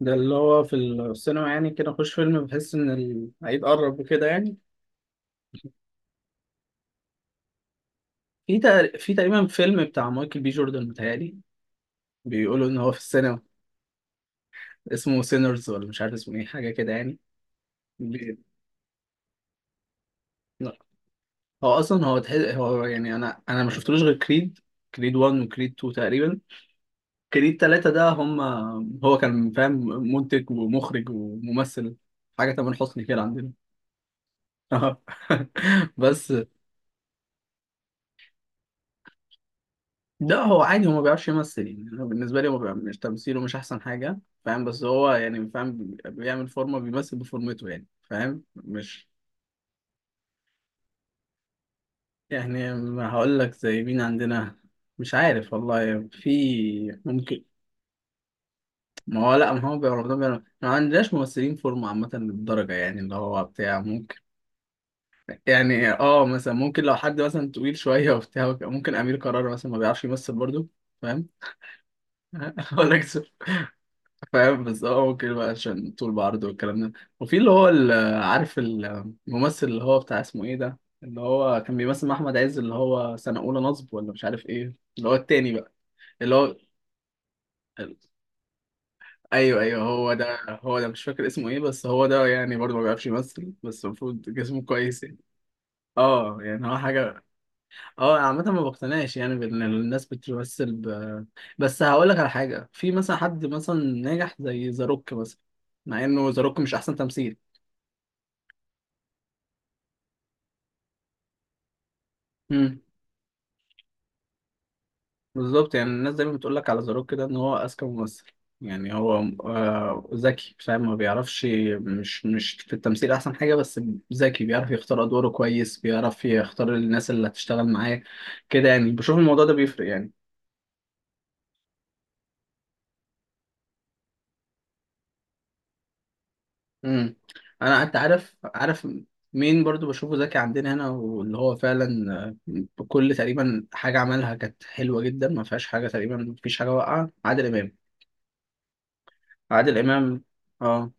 ده اللي هو في السينما يعني كده اخش فيلم بحس ان العيد قرب وكده يعني. في تقريبا فيلم بتاع مايكل بي جوردن متهيألي بيقولوا ان هو في السينما، اسمه سينرز ولا مش عارف اسمه ايه، حاجه كده يعني. بي- لا. هو اصلا هو تحس هو يعني انا ما شفتلوش غير كريد 1 وكريد 2 تقريبا، كريد 3 ده هم. هو كان فاهم، منتج ومخرج وممثل، حاجه تامر حسني كده عندنا. بس لا هو عادي، هو ما بيعرفش يمثل يعني، انا بالنسبه لي هو بيبقى مش تمثيله مش احسن حاجه، فاهم؟ بس هو يعني فاهم، بيعمل فورمه بيمثل بفورمته يعني، فاهم؟ مش يعني ما هقول لك زي مين عندنا. مش عارف والله، في ممكن. ما هو لا، ما هو بيعرف، ده بيعرف، ما عندناش ممثلين فورمه عامه للدرجه يعني، اللي هو بتاع ممكن. يعني اه، مثلا ممكن لو حد مثلا طويل شويه وبتاع ممكن امير كرارة مثلا ما بيعرفش يمثل برضه، فاهم؟ هقول لك، فاهم؟ بس هو ممكن بقى عشان طول بعرض والكلام ده. وفي اللي هو عارف الممثل اللي هو بتاع، اسمه ايه ده، اللي هو كان بيمثل مع احمد عز، اللي هو سنة اولى نصب، ولا مش عارف ايه اللي هو التاني بقى، اللي هو ال- ايوه ايوه، هو ده. هو ده مش فاكر اسمه ايه، بس هو ده يعني برضه ما بيعرفش يمثل، بس المفروض جسمه كويس يعني. اه يعني هو حاجه. اه عامه ما بقتنعش يعني بان الناس بتمثل بس هقول لك على حاجه، في مثلا حد مثلا ناجح زي ذا روك مثلا، مع انه ذا روك مش احسن تمثيل. امم بالظبط. يعني الناس دايما بتقول لك على ذا روك كده ان هو اذكى ممثل، يعني هو ذكي، فاهم؟ ما بيعرفش، مش في التمثيل احسن حاجه، بس ذكي، بيعرف يختار ادواره كويس، بيعرف يختار الناس اللي هتشتغل معاه، كده يعني. بشوف الموضوع ده بيفرق يعني. امم انا انت عارف مين برضو بشوفه ذكي عندنا هنا، واللي هو فعلا كل تقريبا حاجه عملها كانت حلوه جدا، ما فيهاش حاجه تقريبا، ما فيش حاجه واقعه، عادل امام. عادل امام، اه.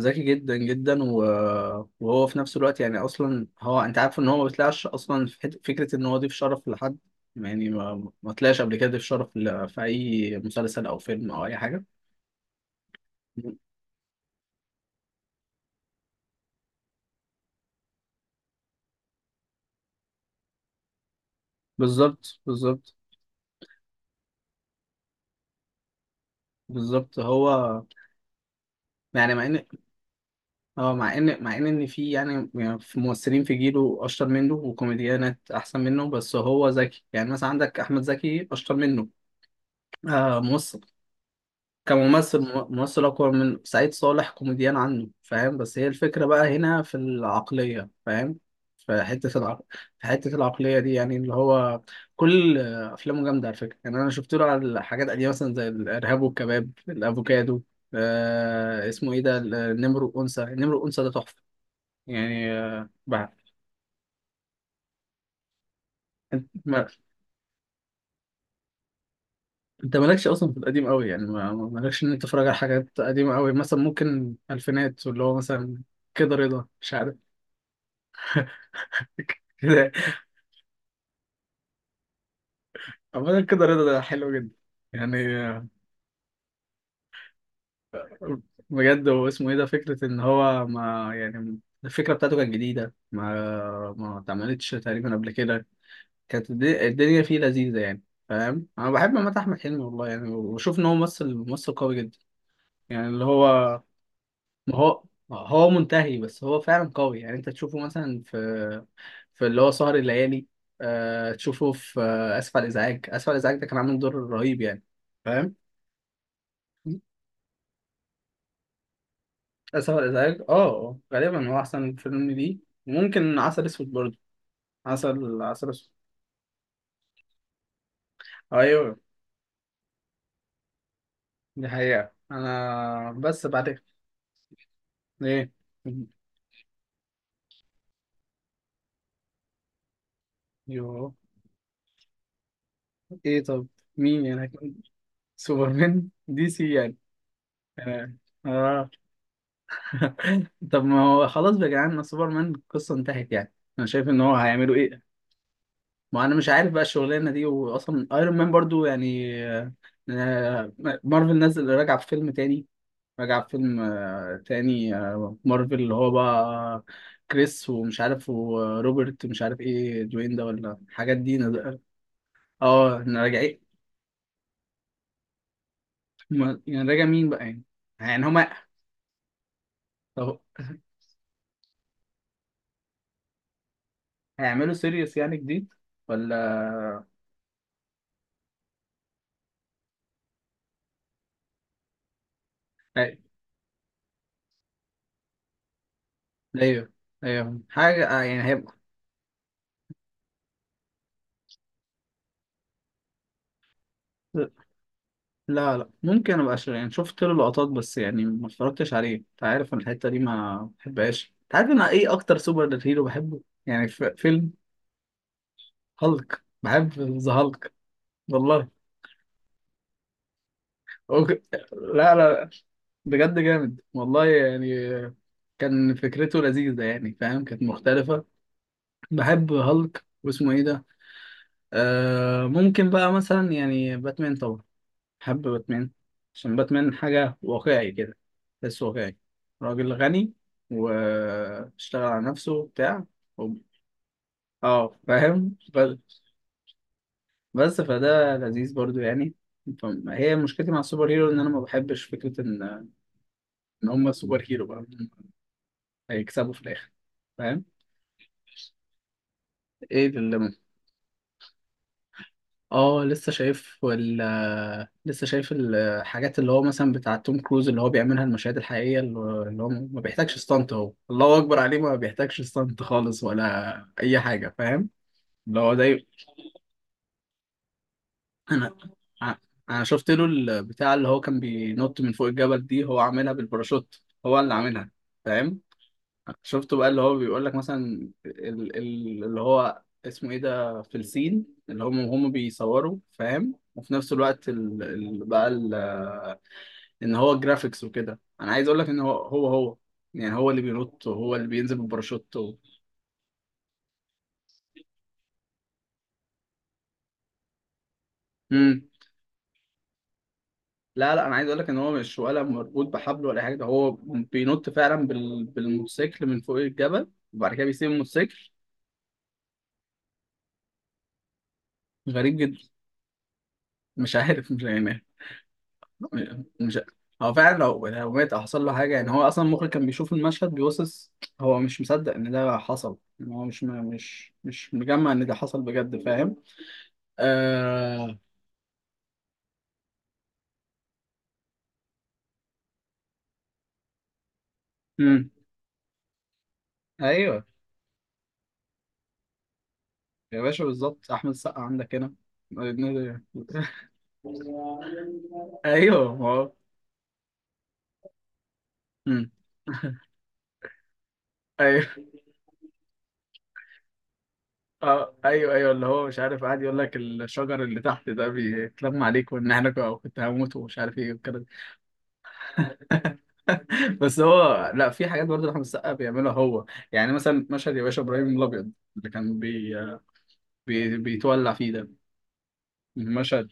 ذكي جدا جدا، وهو في نفس الوقت يعني اصلا هو انت عارف ان هو ما بيطلعش اصلا في فكره ان هو ضيف شرف لحد، يعني ما طلعش قبل كده ضيف شرف في اي مسلسل او فيلم او اي حاجه. بالظبط بالظبط. هو يعني مع ان اه، مع ان مع ان ان في يعني يعني في ممثلين في جيله اشطر منه وكوميديانات احسن منه، بس هو ذكي، يعني مثلا عندك احمد زكي اشطر منه، آه ممثل. كممثل، ممثل اقوى من سعيد صالح كوميديان عنه، فاهم؟ بس هي الفكره بقى هنا في العقليه، فاهم؟ في حته في حته العقليه دي يعني، اللي هو كل افلامه جامده على فكره. يعني انا شفت له على حاجات قديمه مثلا زي الارهاب والكباب، الافوكادو، آه، اسمه ايه ده، النمر والانثى. النمر والانثى ده تحفه يعني، بقى. انت ما... انت مالكش اصلا في القديم قوي يعني، مالكش ان انت تتفرج على حاجات قديمه قوي مثلا، ممكن الفينات، واللي هو مثلا كده رضا، مش عارف كده. عامة كده رضا ده حلو جدا يعني. بجد، هو اسمه ايه ده، فكرة ان هو ما يعني الفكرة بتاعته كانت جديدة، ما اتعملتش تقريبا قبل كده، كانت الدنيا فيه لذيذة يعني، فاهم؟ انا بحب عامة احمد حلمي والله يعني، وبشوف ان هو ممثل قوي جدا يعني، اللي هو ما. هو هو منتهي، بس هو فعلا قوي يعني. انت تشوفه مثلا في في اللي هو سهر الليالي، تشوفه في اسف على الازعاج. اسف على الازعاج ده كان عامل دور رهيب يعني، فاهم؟ آسف على الإزعاج اه، غالبا هو أحسن فيلم ليه. ممكن عسل أسود برضه، عسل أسود. أيوه. دي حقيقة أنا بس بعد إيه. يو إيه طب، مين يعني؟ سوبرمان دي سي يعني. آه، آه. طب ما هو خلاص بقى يا جدعان، ما سوبرمان القصة انتهت يعني، أنا شايف إن هو هيعملوا إيه. ما أنا مش عارف بقى الشغلانة دي، وأصلا أيرون مان برضه يعني آه، مارفل نزل راجع في فيلم تاني، راجع فيلم تاني مارفل اللي هو بقى كريس ومش عارف، وروبرت مش عارف ايه، دوين ده، ولا الحاجات دي اه، إن راجع ايه. يعني راجع مين بقى يعني، يعني هما. طب هيعملوا سيريس يعني جديد ولا هي- ايوه ايوه حاجة يعني هيبقى. لا لا، ممكن ابقى يعني شفت له لقطات بس يعني، ما اتفرجتش عليه. انت عارف انا الحتة دي ما بحبهاش. انت عارف انا ايه اكتر سوبر هيرو بحبه؟ يعني في فيلم هالك. بحب ذا هالك والله. أوك... لا لا، بجد جامد والله يعني، كان فكرته لذيذة يعني، فاهم؟ كانت مختلفة. بحب هالك واسمه ايه ده، آه ممكن بقى مثلا يعني باتمان طبعا. بحب باتمان عشان باتمان حاجة واقعي كده، بس واقعي، راجل غني واشتغل على نفسه بتاع و... اه فاهم. بس فده لذيذ برضو يعني. فهي مشكلتي مع السوبر هيرو ان انا ما بحبش فكره ان ان هم سوبر هيرو بقى هيكسبوا في الاخر، فاهم؟ ايه اللي ممكن. اه لسه شايف لسه شايف الحاجات اللي هو مثلا بتاع توم كروز اللي هو بيعملها، المشاهد الحقيقيه، اللي هو اللي هو ما بيحتاجش ستانت، هو الله اكبر عليه، ما بيحتاجش ستانت خالص ولا اي حاجه، فاهم؟ اللي هو زي انا ع- انا شفت له البتاع اللي هو كان بينط من فوق الجبل دي، هو عاملها بالباراشوت، هو اللي عاملها، فاهم؟ شفته بقى اللي هو بيقول لك مثلا اللي هو اسمه ايه ده في الصين، اللي هم بيصوروا، فاهم؟ وفي نفس الوقت بقى ان هو جرافيكس وكده، انا عايز اقول لك ان هو يعني هو اللي بينط وهو اللي بينزل بالباراشوت مم. لا لا، انا عايز اقول لك ان هو مش ولا مربوط بحبل ولا أي حاجه، ده هو بينط فعلا بالموتوسيكل من فوق الجبل، وبعد كده بيسيب الموتوسيكل. غريب جدا. مش عارف، مش يعني مش. هو فعلا لو يعني لو مات او حصل له حاجه يعني، هو اصلا المخرج كان بيشوف المشهد بيبصص، هو مش مصدق ان ده حصل، ان هو مش مجمع ان ده حصل بجد، فاهم؟ آه... مم. ايوه يا باشا بالظبط، احمد السقا عندك هنا. ايوه ما هو. مم. ايوه، اه ايوه ايوه، اللي هو مش عارف قاعد يقول لك الشجر اللي تحت ده بيتلم عليك، وان احنا كنت هموت ومش عارف ايه والكلام. بس هو لا، في حاجات برضه احمد السقا بيعملها هو، يعني مثلا مشهد يا باشا ابراهيم الابيض اللي كان بيتولع فيه ده، المشهد.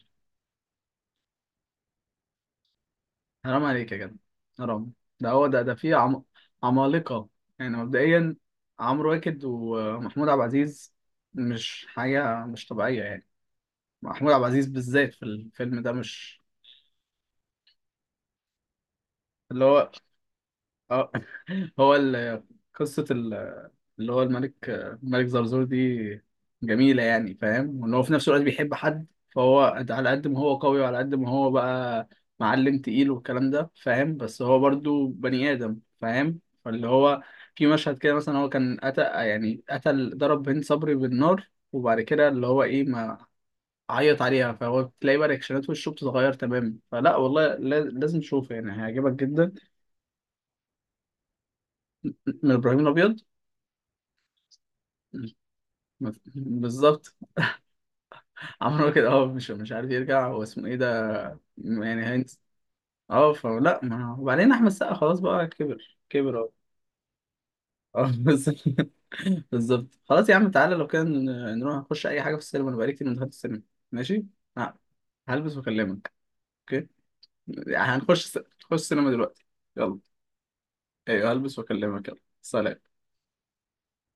حرام عليك يا جدع، حرام. ده هو ده، ده فيه عمالقه يعني مبدئيا، عمرو واكد ومحمود عبد العزيز، مش حاجه مش طبيعيه يعني. محمود عبد العزيز بالذات في الفيلم ده مش اللي هو آه، هو قصه اللي هو الملك، الملك زرزور دي جميلة يعني، فاهم؟ وان هو في نفس الوقت بيحب حد، فهو على قد ما هو قوي وعلى قد ما هو بقى معلم تقيل والكلام ده، فاهم؟ بس هو برضو بني آدم، فاهم؟ فاللي هو في مشهد كده مثلا هو كان قتل يعني قتل، ضرب هند صبري بالنار، وبعد كده اللي هو ايه، ما عيط عليها، فهو تلاقي بقى رياكشنات وشه بتتغير تماما، فلا والله، لازم تشوفه يعني هيعجبك جدا. من ابراهيم الابيض بالظبط. عمرو كده اه، مش عارف يرجع، هو اسمه ايه ده، يعني هينس. اه فلا ما، وبعدين احمد السقا خلاص بقى كبر، كبر اهو. اه بس. بالظبط، خلاص يا عم تعالى لو كان، نروح نخش اي حاجه في السينما، انا بقالي كتير ما دخلت السينما. ماشي، ه- هلبس واكلمك. اوكي. يعني هنخش نخش السينما دلوقتي، يلا. ايوه، هلبس واكلمك، يلا سلام.